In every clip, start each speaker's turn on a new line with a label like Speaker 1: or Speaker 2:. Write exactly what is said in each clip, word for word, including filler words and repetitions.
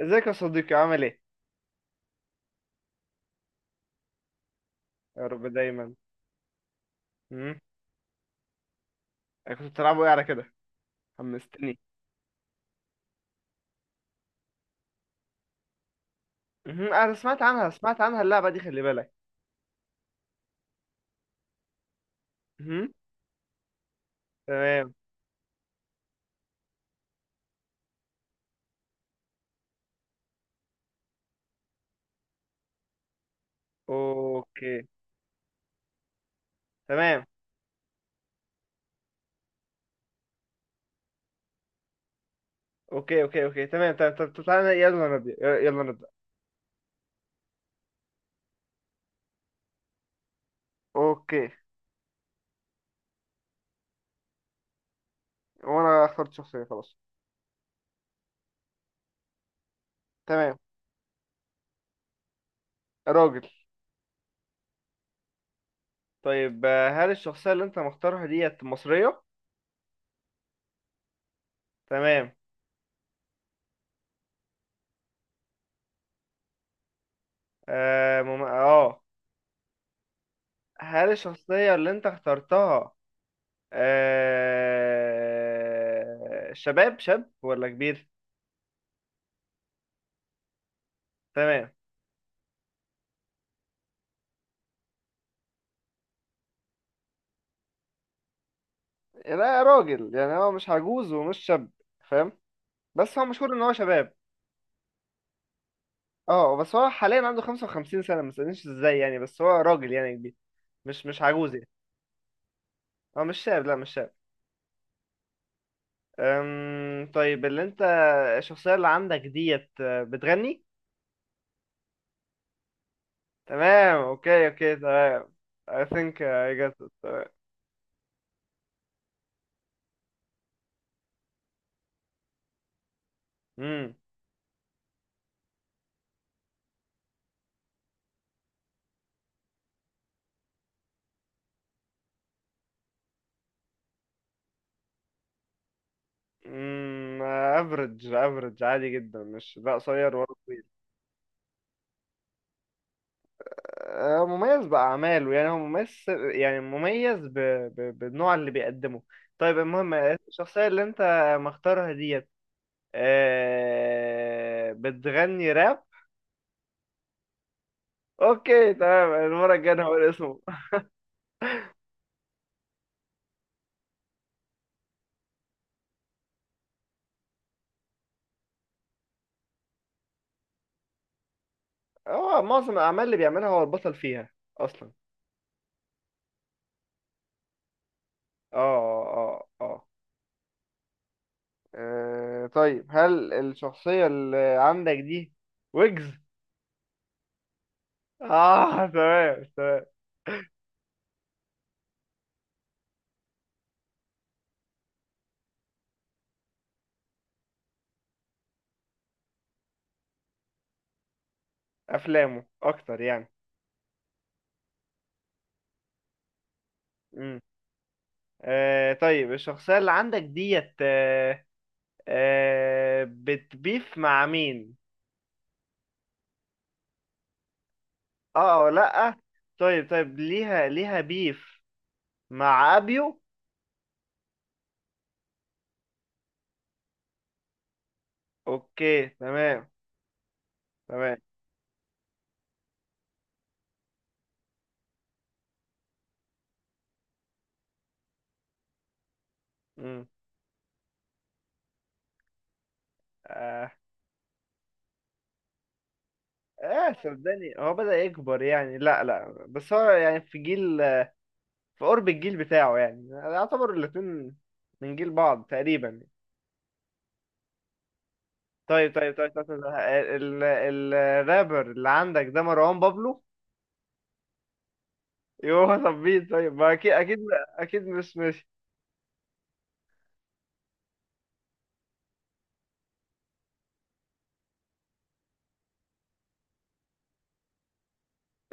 Speaker 1: ازيك يا صديقي؟ عامل ايه؟ يا رب دايما. امم انا كنت بتلعبوا ايه على كده؟ حمستني. امم انا سمعت عنها، سمعت عنها اللعبه دي، خلي بالك. امم تمام. اوكي تمام اوكي اوكي اوكي تمام تمام طب طب تعالى، يلا نبدا، يلا نبدا. اوكي، وانا اخترت شخصيه، خلاص. تمام. راجل. طيب آه، هل الشخصيه اللي انت مختارها ديت مصريه؟ تمام. اه مم... اه. هل الشخصيه اللي انت اخترتها آه... شباب، شاب ولا كبير؟ تمام. لا راجل، يعني هو مش عجوز ومش شاب، فاهم؟ بس هو مشهور ان هو شباب. اه بس هو حاليا عنده خمسة وخمسين سنة، ما تسألنيش ازاي، يعني بس هو راجل يعني كبير، مش مش عجوز يعني. هو مش شاب، لا مش شاب. أم... طيب اللي انت الشخصية اللي عندك ديت آه، بتغني؟ تمام. اوكي اوكي تمام. I think I got it. تمام. امم افريج، افريج عادي جدا، مش لا قصير ولا طويل. آه، مميز بأعماله، يعني هو مميز، يعني مميز ب... ب... بالنوع اللي بيقدمه. طيب المهم، الشخصية اللي انت مختارها ديت آه، بتغني راب؟ اوكي تمام، المرة الجاية أنا هقول اسمه. هو معظم الأعمال اللي بيعملها هو البطل فيها أصلا. اه، اه اه آه، آه، طيب هل الشخصية اللي عندك دي ويجز؟ اه تمام تمام. أفلامه أكتر يعني. آه طيب، الشخصية اللي عندك ديت آه آه بتبيف مع مين؟ اه او لأ. طيب طيب، ليها ليها بيف مع أبيو؟ اوكي تمام تمام. مم. اه. آه صدقني، هو بدأ يكبر يعني، لا لا بس هو يعني في جيل، في قرب الجيل بتاعه، يعني يعتبر الاتنين من جيل بعض تقريبا. طيب طيب طيب, طيب, طيب, طيب, طيب, طيب, طيب, طيب, طيب الرابر اللي عندك ده مروان بابلو؟ يوه ثبيت، طيب ما اكيد اكيد اكيد مش، ماشي.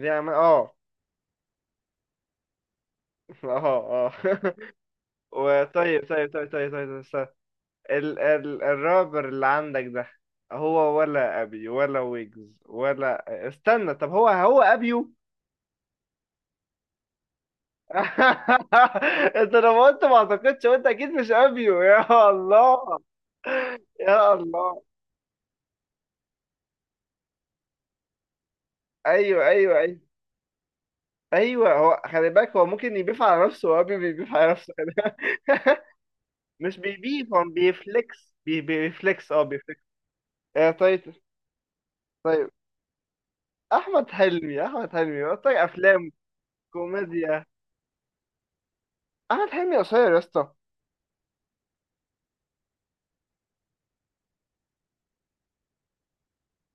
Speaker 1: دي عم، اه. اه اه. وطيب طيب طيب طيب طيب, طيب, طيب. ال ال الرابر اللي عندك ده هو ولا ابي ولا ويجز، ولا استنى، طب هو هو ابيو؟ انت لما قلت ما اعتقدش، قلت اكيد مش ابيو. يا الله، يا الله، ايوه ايوه ايوه ايوه هو خلي بالك، هو ممكن يبيف على نفسه، وابيو بيبيف على نفسه. مش بيبيف، هو بيفليكس، بي بيفليكس، اه بيفليكس. آه طيب طيب. احمد حلمي احمد حلمي طيب افلام كوميديا. احمد حلمي قصير يا اسطى؟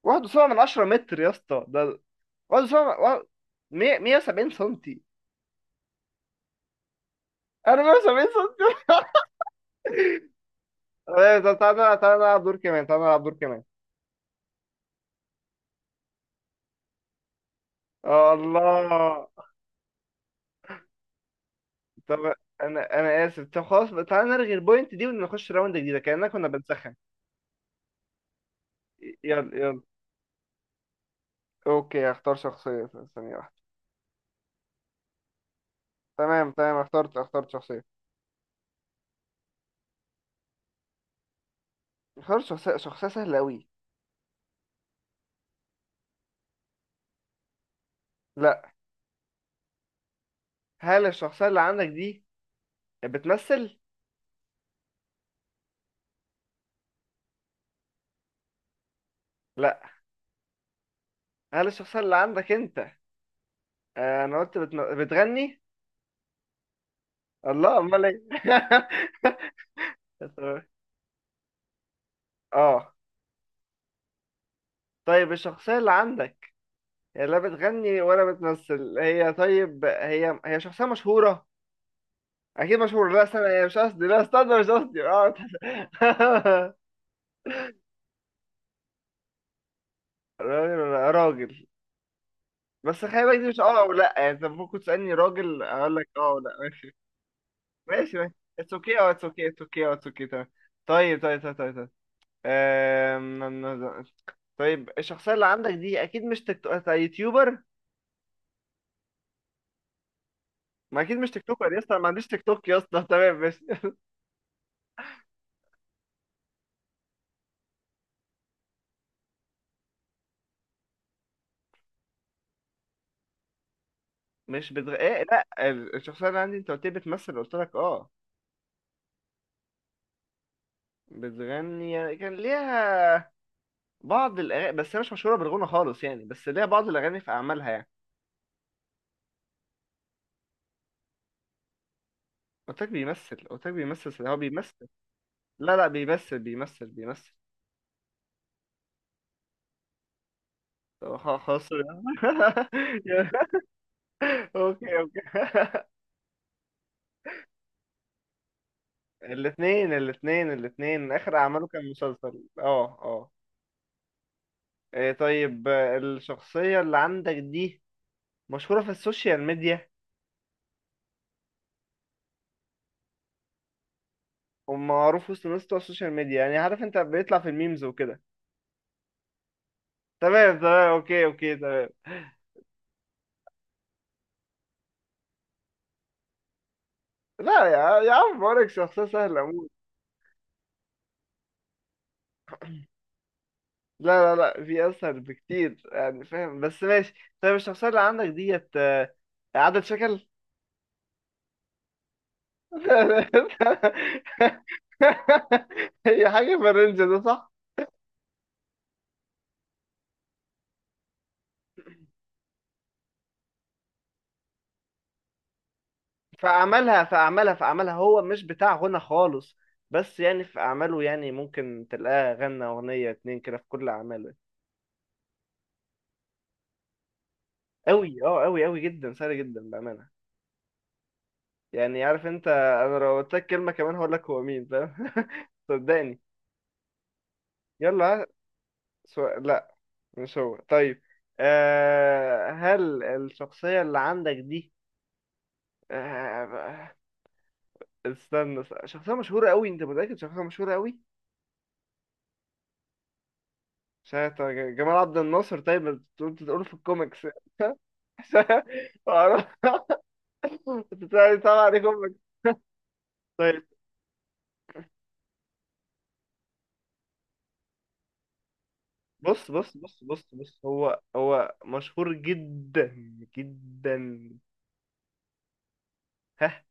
Speaker 1: واحد فاصلة سبعة من عشرة متر يا اسطى ده، واحد فاصلة سبعة، مية، مية وسبعين سنتي، انا مية وسبعين سنتي. طيب، طب تعالى نلعب- تعالى نلعب دور كمان، تعالى نلعب دور كمان. آه، الله. طب انا انا اسف، طب خلاص بقى، تعالى نلغي البوينت دي ونخش راوند جديده، كاننا كنا بنسخن. يلا يلا. اوكي هختار شخصيه، ثانيه واحدة. تمام تمام، اخترت، اخترت شخصية، اخترت شخصية، شخصية سهلة أوي. لا. هل الشخصية اللي عندك دي بتمثل؟ لا. هل الشخصية اللي عندك أنت، آه أنا قلت بتم... بتغني؟ الله أمال إيه؟ آه. طيب الشخصية اللي عندك هي لا بتغني ولا بتمثل، هي طيب، هي هي شخصية مشهورة، أكيد مشهورة، لا استنى، هي مش قصدي، لا استنى مش قصدي، آه. راجل ولا راجل. بس خلي بالك، دي مش اه او لا، يعني انت ممكن تسألني راجل، اقول لك اه او لا. ماشي ماشي. اتس اوكي او اتس اوكي، اتس اوكي او اتس اوكي تمام. طيب طيب طيب طيب طيب أم... أم- أم- طيب الشخصية اللي عندك دي اكيد مش تيك توك، أنت يوتيوبر؟ ما اكيد مش تيك توكر يا اسطى، أنا ما عنديش تيك توك يا اسطى، تمام. مش، مش بتغ... إيه، لا، ال- الشخصية اللي عندي، انت قلت لي بتمثل، قلت لك اه، بتغني، يعني كان ليها بعض الاغاني، بس هي مش مشهورة بالغنى خالص يعني، بس ليها بعض الاغاني في اعمالها يعني. قلت لك بيمثل، قلت لك بيمثل، هو بيمثل. لا لا بيمثل، بيمثل بيمثل طب خ- خلاص. اوكي اوكي. الاثنين الاثنين الاثنين اخر اعماله كان مسلسل، اه اه. إيه طيب، آه الشخصية اللي عندك دي مشهورة في السوشيال ميديا؟ ومعروف وسط الناس بتوع السوشيال ميديا يعني، عارف انت بيطلع في الميمز وكده. تمام تمام، اوكي اوكي تمام. لا يا يا عم بقولك شخصية سهلة أموت. لا لا لا، في أسهل بكتير يعني، فاهم؟ بس ماشي. طيب الشخصية اللي عندك ديت آه، عدد شكل. هي حاجة في الرينج ده، صح؟ في أعمالها في أعمالها في أعمالها هو مش بتاع غنى خالص، بس يعني في أعماله يعني، ممكن تلاقاه غنى أغنية اتنين كده في كل أعماله. أوي، أه، أوي أوي جدا، سهل جدا بأمانة. يعني عارف أنت، أنا لو قلت لك كلمة كمان هقول لك هو مين، فاهم؟ صدقني. يلا، ها. سؤال لا، مش هو، طيب. آه هل الشخصية اللي عندك دي آه، استنى، است- شخصية مشهورة قوي، انت متأكد شخصية مشهورة قوي؟ شايف جمال عبد الناصر، طيب ما تقول، تقول في الكوميكس. معرفش. بتاعي طبعا عليه كوميكس. طيب، بص بص بص بص بص هو هو مشهور جدا جدا. ها.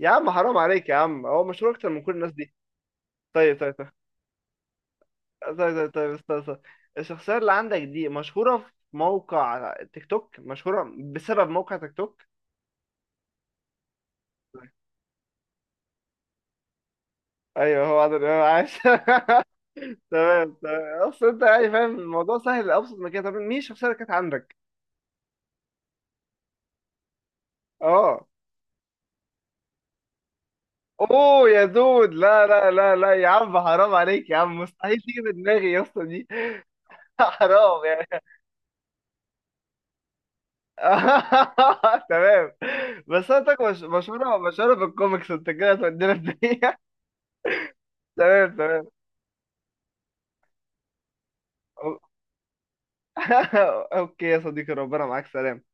Speaker 1: يا عم حرام عليك يا عم، هو مشهور اكتر من كل الناس دي. طيب طيب طيب طيب طيب, طيب استنى، استنى. الشخصية اللي عندك دي مشهورة في موقع تيك توك، مشهورة بسبب موقع تيك توك؟ طيب. ايوه هو عادل امام، عاش. تمام تمام، اصل انت يعني فاهم، الموضوع سهل لابسط من كده، طب مين الشخصيه اللي كانت عندك؟ اه. اوه يا دود، لا لا لا لا، يا عم حرام عليك يا عم، مستحيل تيجي في دماغي يا اسطى دي. حرام يعني. تمام. بس انت مش مشهوره، مشهوره بالكوميكس، انت كده هتودينا في دقيقه. تمام تمام. أو-. اوكي يا صديقي، ربنا معاك، سلام.